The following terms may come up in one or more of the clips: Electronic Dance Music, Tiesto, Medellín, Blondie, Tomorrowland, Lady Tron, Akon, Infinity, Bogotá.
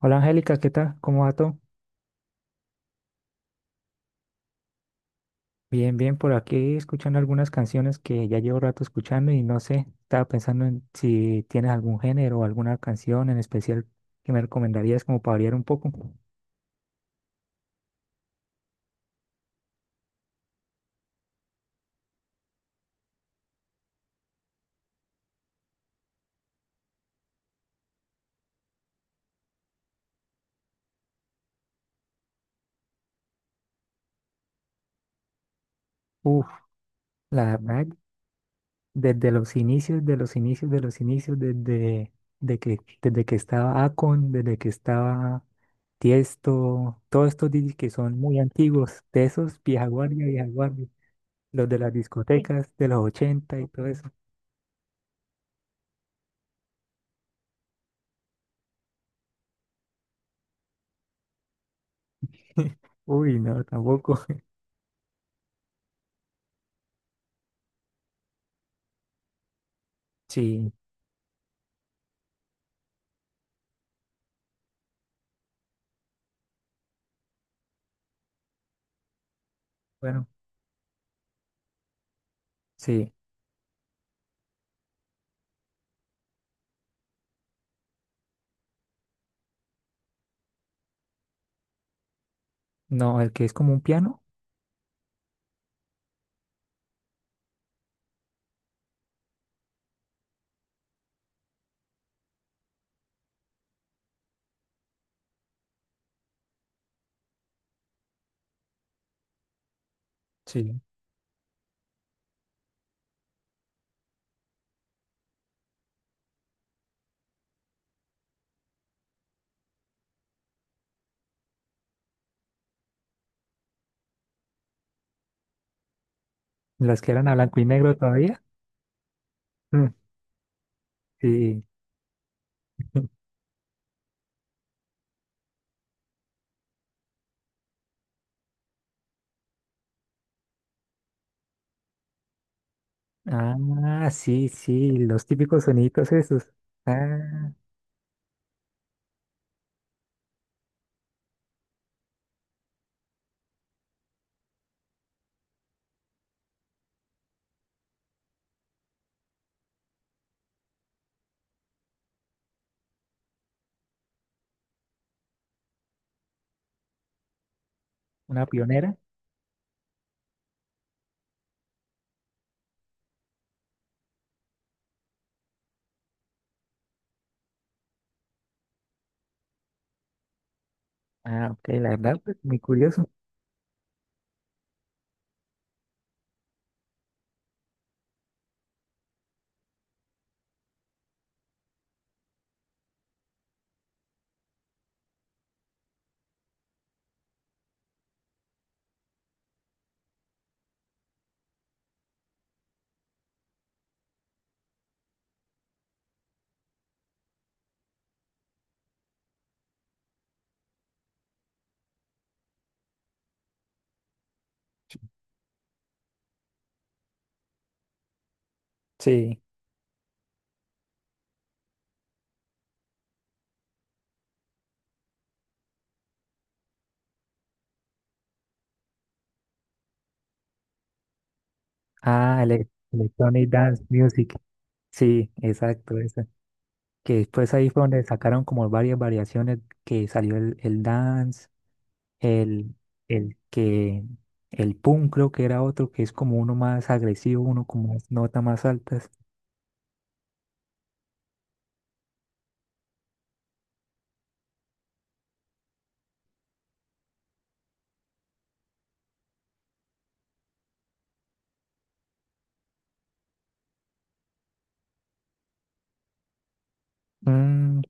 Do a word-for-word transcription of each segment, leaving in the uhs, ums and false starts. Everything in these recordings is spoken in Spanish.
Hola Angélica, ¿qué tal? ¿Cómo va todo? Bien, bien, por aquí escuchando algunas canciones que ya llevo rato escuchando y no sé, estaba pensando en si tienes algún género o alguna canción en especial que me recomendarías como para variar un poco. Uf, la verdad, desde los inicios, de los inicios, de los inicios, desde, de que, desde que estaba Akon, desde que estaba Tiesto, todos estos D Js que son muy antiguos, de esos vieja guardia, vieja guardia, los de las, sí, discotecas de los ochenta y todo eso. Uy, no, tampoco. Sí, bueno, sí. No, el que es como un piano. Sí. Las que eran a blanco y negro todavía. Mm, sí. Ah, sí, sí, los típicos soniditos esos. Ah, una pionera. Ah, ok, la verdad, pues muy curioso. Sí. Ah, ele- Electronic Dance Music. Sí, exacto, esa. Que después ahí fue donde sacaron como varias variaciones que salió el, el dance, El, el que, el punk creo que era otro que es como uno más agresivo, uno con más notas más altas. Mm,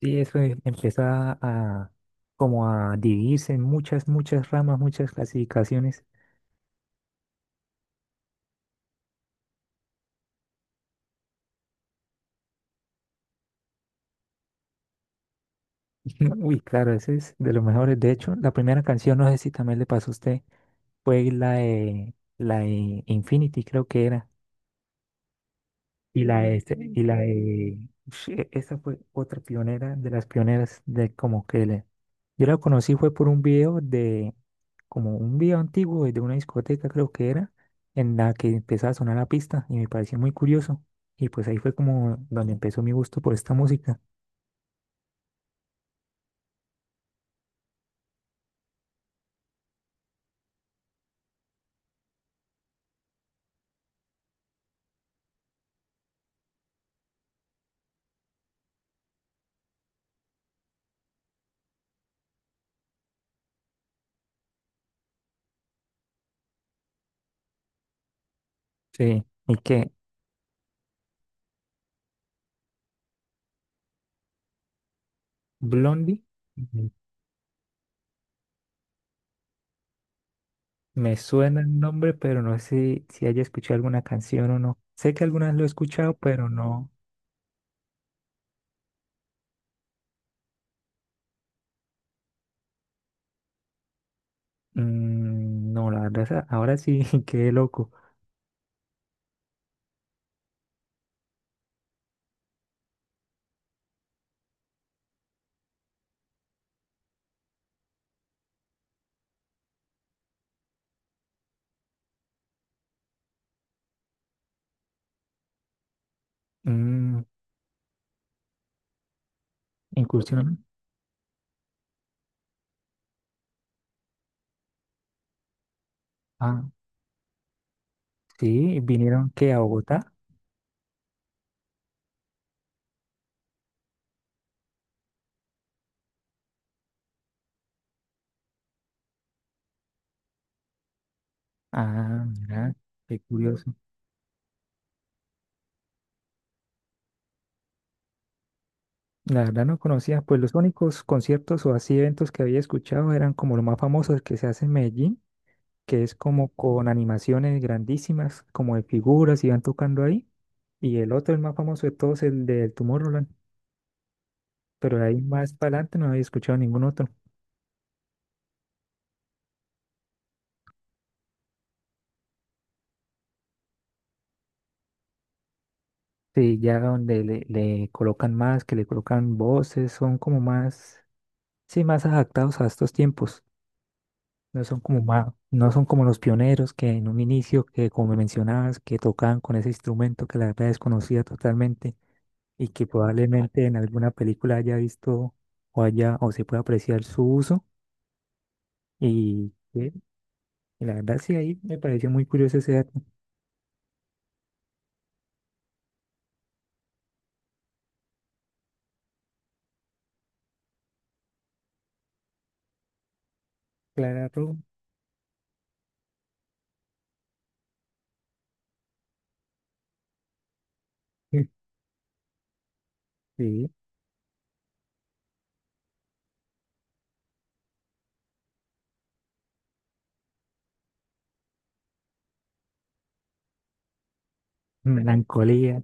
sí, eso em- empieza a como a dividirse en muchas, muchas ramas, muchas clasificaciones. Uy, claro, ese es de los mejores. De hecho, la primera canción, no sé si también le pasó a usted, fue la de, la de Infinity, creo que era. Y la, este, y la, eh, Sí, esa fue otra pionera de las pioneras de como que le- yo la conocí fue por un video de, como un video antiguo de una discoteca creo que era, en la que empezaba a sonar la pista y me pareció muy curioso. Y pues ahí fue como donde empezó mi gusto por esta música. Sí, y que Blondie, mm, me suena el nombre, pero no sé si haya escuchado alguna canción o no. Sé que algunas lo he escuchado, pero no. Mm, no, la verdad, esa- ahora sí, qué loco. Mm, Incursión. Ah, sí, vinieron que a Bogotá. Ah, mira, qué curioso. La verdad no conocía, pues los únicos conciertos o así eventos que había escuchado eran como los más famosos que se hace en Medellín, que es como con animaciones grandísimas, como de figuras y van tocando ahí. Y el otro, el más famoso de todos, el del Tomorrowland. Pero de ahí más para adelante no había escuchado ningún otro. Sí, ya donde le, le colocan más, que le colocan voces, son como más, sí, más adaptados a estos tiempos. No son como ma- no son como los pioneros que en un inicio, que como me mencionabas, que tocaban con ese instrumento que la verdad desconocía totalmente y que probablemente en alguna película haya visto o haya o se pueda apreciar su uso. Y, eh, y la verdad sí, ahí me pareció muy curioso ese dato. Claro, sí, melancolía.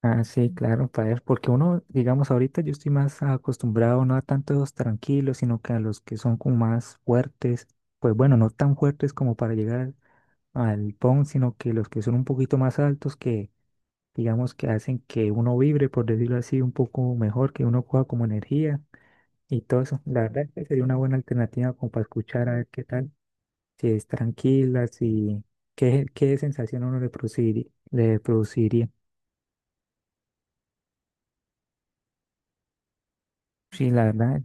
Ah, sí, claro, para ver, porque uno, digamos, ahorita yo estoy más acostumbrado no a tantos tranquilos, sino que a los que son como más fuertes, pues bueno, no tan fuertes como para llegar al PON, sino que los que son un poquito más altos que, digamos, que hacen que uno vibre, por decirlo así, un poco mejor, que uno coja como energía y todo eso. La verdad es que sería una buena alternativa como para escuchar a ver qué tal, si es tranquila, si, qué, qué sensación a uno le produciría, le produciría. Sí, la verdad,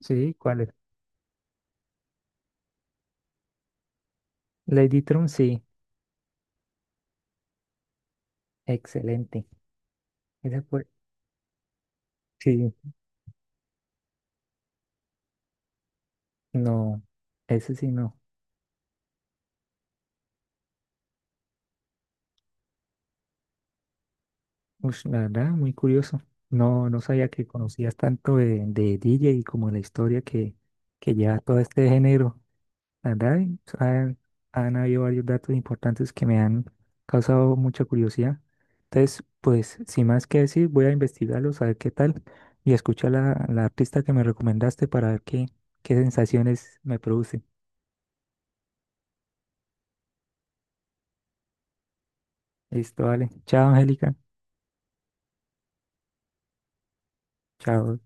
sí, ¿cuál es? Lady Tron, sí, excelente. Esa fue, sí, no, ese sí no. Ush, la verdad, muy curioso. No, no sabía que conocías tanto de, de D J y como la historia que, que lleva todo este género. La verdad, y, pues, han, han habido varios datos importantes que me han causado mucha curiosidad. Entonces, pues, sin más que decir, voy a investigarlos, a ver qué tal, y escuchar la, la artista que me recomendaste para ver qué, qué sensaciones me produce. Listo, vale. Chao, Angélica. Chao.